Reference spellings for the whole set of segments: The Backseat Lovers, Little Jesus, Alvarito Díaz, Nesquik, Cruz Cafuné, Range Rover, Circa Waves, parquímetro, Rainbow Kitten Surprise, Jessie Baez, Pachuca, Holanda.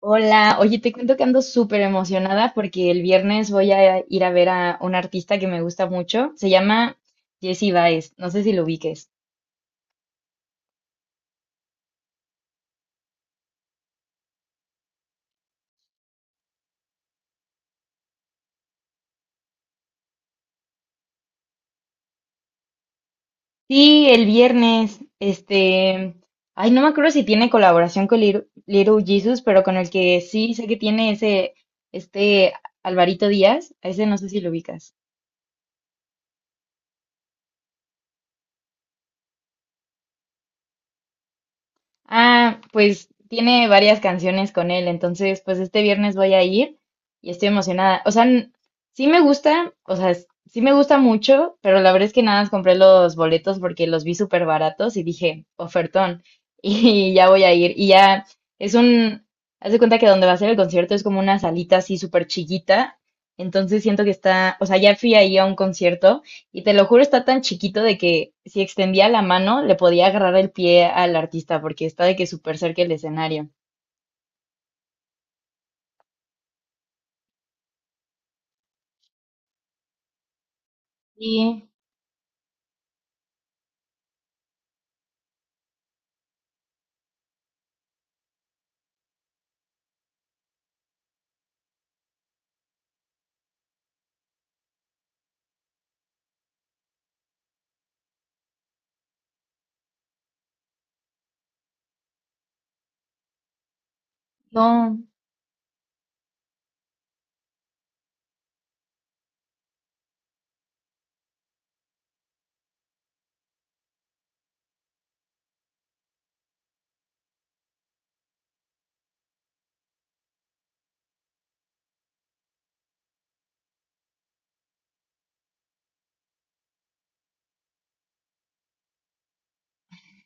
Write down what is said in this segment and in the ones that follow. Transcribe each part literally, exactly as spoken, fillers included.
Hola, oye, te cuento que ando súper emocionada porque el viernes voy a ir a ver a un artista que me gusta mucho. Se llama Jessie Baez, no sé si lo ubiques. Sí, el viernes, este, ay, no me acuerdo si tiene colaboración con Lir- Little Jesus, pero con el que sí sé que tiene ese, este Alvarito Díaz, a ese no sé si lo ubicas. Ah, pues tiene varias canciones con él, entonces pues este viernes voy a ir y estoy emocionada. O sea, n- sí me gusta, o sea, s- sí me gusta mucho, pero la verdad es que nada más compré los boletos porque los vi súper baratos y dije, ofertón, y ya voy a ir. Y ya es un, haz de cuenta que donde va a ser el concierto es como una salita así súper chiquita, entonces siento que está, o sea, ya fui ahí a un concierto. Y te lo juro, está tan chiquito de que si extendía la mano, le podía agarrar el pie al artista, porque está de que súper cerca el escenario. Sí, no.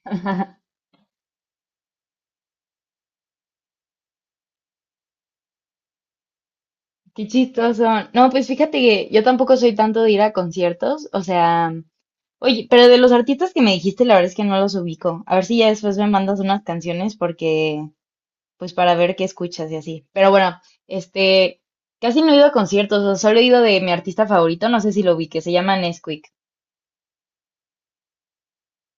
Qué chistoso. No, pues fíjate que yo tampoco soy tanto de ir a conciertos. O sea, oye, pero de los artistas que me dijiste, la verdad es que no los ubico. A ver si ya después me mandas unas canciones porque, pues para ver qué escuchas y así. Pero bueno, este, casi no he ido a conciertos, o solo he ido de mi artista favorito, no sé si lo ubique, se llama Nesquik.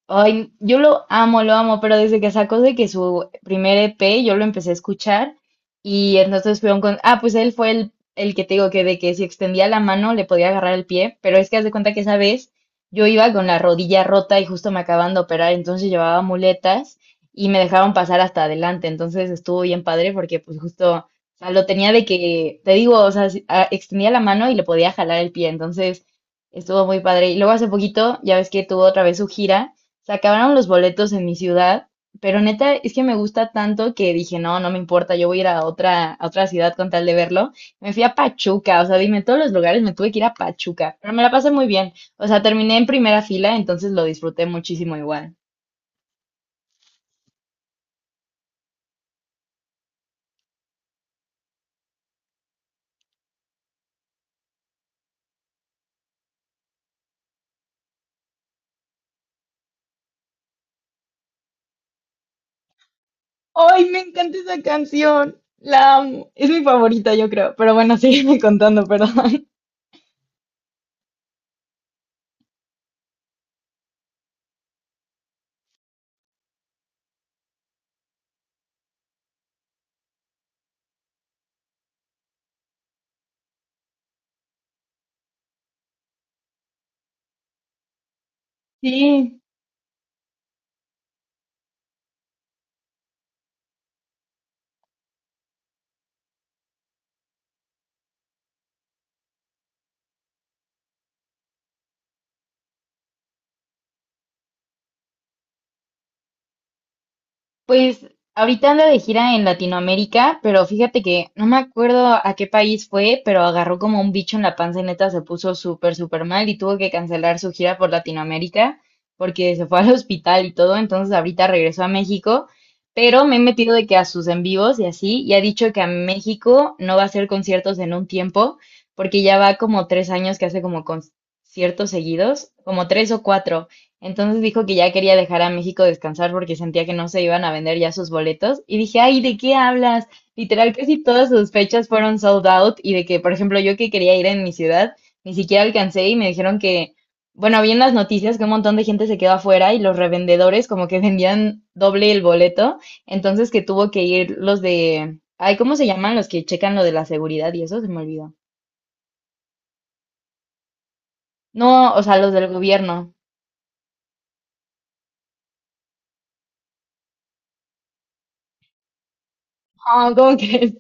Ay, yo lo amo, lo amo, pero desde que sacó de que su primer E p yo lo empecé a escuchar y entonces fue un con... Ah, pues él fue el, el que te digo que de que si extendía la mano le podía agarrar el pie, pero es que haz de cuenta que esa vez yo iba con la rodilla rota y justo me acaban de operar, entonces llevaba muletas y me dejaron pasar hasta adelante, entonces estuvo bien padre porque pues justo, o sea, lo tenía de que, te digo, o sea, si- ah, extendía la mano y le podía jalar el pie, entonces estuvo muy padre. Y luego hace poquito, ya ves que tuvo otra vez su gira. Se acabaron los boletos en mi ciudad, pero neta es que me gusta tanto que dije, no, no me importa, yo voy a ir a otra, a otra ciudad con tal de verlo. Me fui a Pachuca, o sea, dime, todos los lugares me tuve que ir a Pachuca, pero me la pasé muy bien. O sea, terminé en primera fila, entonces lo disfruté muchísimo igual. ¡Ay, me encanta esa canción! La amo. Es mi favorita, yo creo. Pero bueno, sígueme contando, perdón. Sí, pues ahorita anda de gira en Latinoamérica, pero fíjate que no me acuerdo a qué país fue, pero agarró como un bicho en la panza y neta se puso súper, súper mal y tuvo que cancelar su gira por Latinoamérica porque se fue al hospital y todo. Entonces ahorita regresó a México, pero me he metido de que a sus en vivos y así, y ha dicho que a México no va a hacer conciertos en un tiempo porque ya va como tres años que hace como conciertos seguidos, como tres o cuatro. Entonces dijo que ya quería dejar a México descansar porque sentía que no se iban a vender ya sus boletos. Y dije, ay, ¿de qué hablas? Literal, casi todas sus fechas fueron sold out y de que, por ejemplo, yo que quería ir en mi ciudad, ni siquiera alcancé y me dijeron que, bueno, vi en las noticias que un montón de gente se quedó afuera y los revendedores como que vendían doble el boleto, entonces que tuvo que ir los de, ay, ¿cómo se llaman los que checan lo de la seguridad y eso? Se me olvidó. No, o sea, los del gobierno. Ah, ¿cómo crees?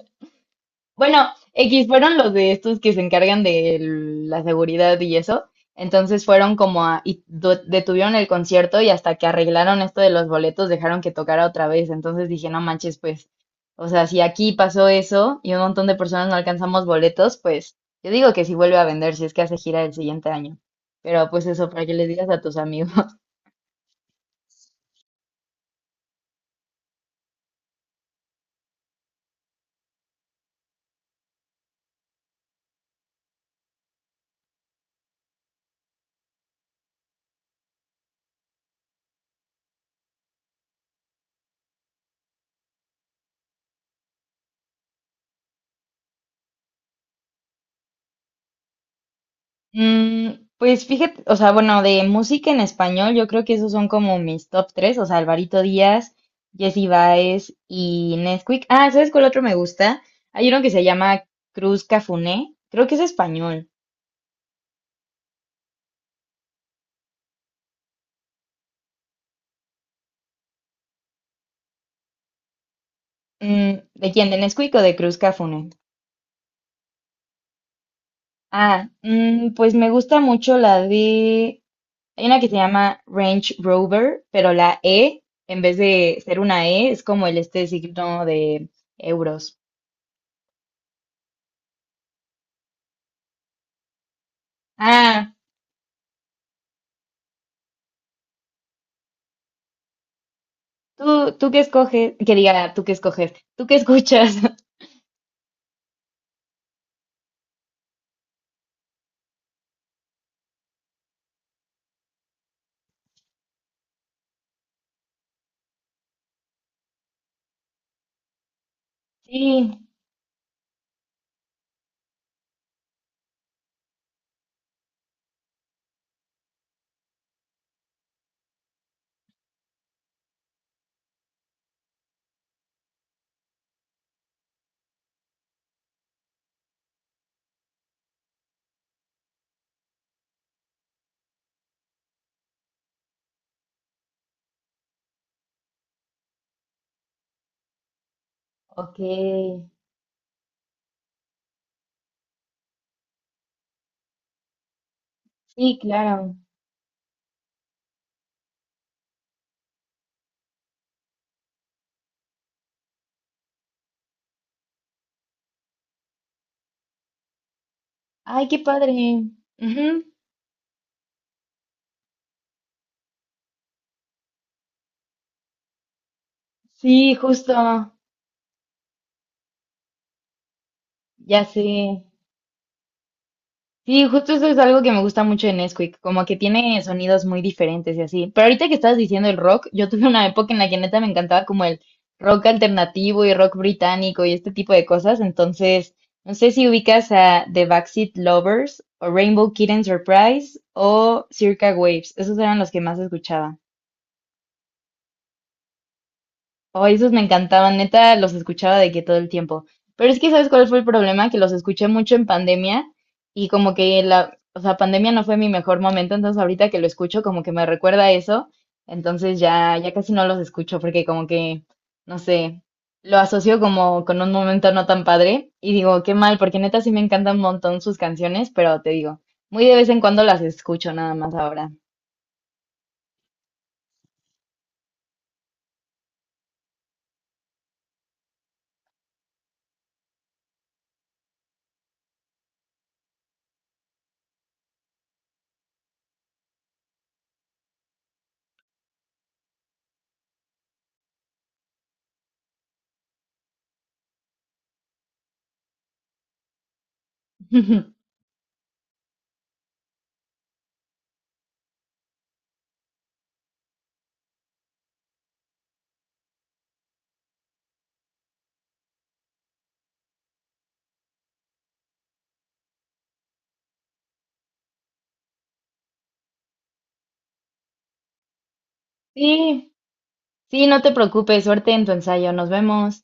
Bueno, X fueron los de estos que se encargan de el- la seguridad y eso. Entonces fueron como a, y do- detuvieron el concierto y hasta que arreglaron esto de los boletos dejaron que tocara otra vez. Entonces dije, no manches, pues, o sea, si aquí pasó eso y un montón de personas no alcanzamos boletos, pues yo digo que si vuelve a vender, si es que hace gira el siguiente año. Pero pues eso, para que les digas a tus amigos. Mm, pues fíjate, o sea, bueno, de música en español, yo creo que esos son como mis top tres, o sea, Alvarito Díaz, Jessie Baez y Nesquik. Ah, ¿sabes cuál otro me gusta? Hay uno que se llama Cruz Cafuné, creo que es español. Mm, ¿de quién? ¿De Nesquik o de Cruz Cafuné? Ah, mm, pues me gusta mucho la de, hay una que se llama Range Rover, pero la E, en vez de ser una E, es como el este signo de euros. Ah, ¿tú, tú qué escoges? Que diga, ¿tú qué escoges? ¿Tú qué escuchas? Sí, ok. Sí, claro. Ay, qué padre. Ujú, sí, justo. Ya sé. Sí, justo eso es algo que me gusta mucho de Nesquik, como que tiene sonidos muy diferentes y así. Pero ahorita que estabas diciendo el rock, yo tuve una época en la que neta me encantaba como el rock alternativo y rock británico y este tipo de cosas. Entonces, no sé si ubicas a The Backseat Lovers o Rainbow Kitten Surprise o Circa Waves. Esos eran los que más escuchaba. Oh, esos me encantaban, neta, los escuchaba de que todo el tiempo. Pero es que, ¿sabes cuál fue el problema? Que los escuché mucho en pandemia y como que la, o sea, pandemia no fue mi mejor momento, entonces ahorita que lo escucho como que me recuerda a eso, entonces ya, ya casi no los escucho porque como que, no sé, lo asocio como con un momento no tan padre y digo, qué mal, porque neta sí me encantan un montón sus canciones, pero te digo, muy de vez en cuando las escucho nada más ahora. Sí, sí, no te preocupes, suerte en tu ensayo, nos vemos.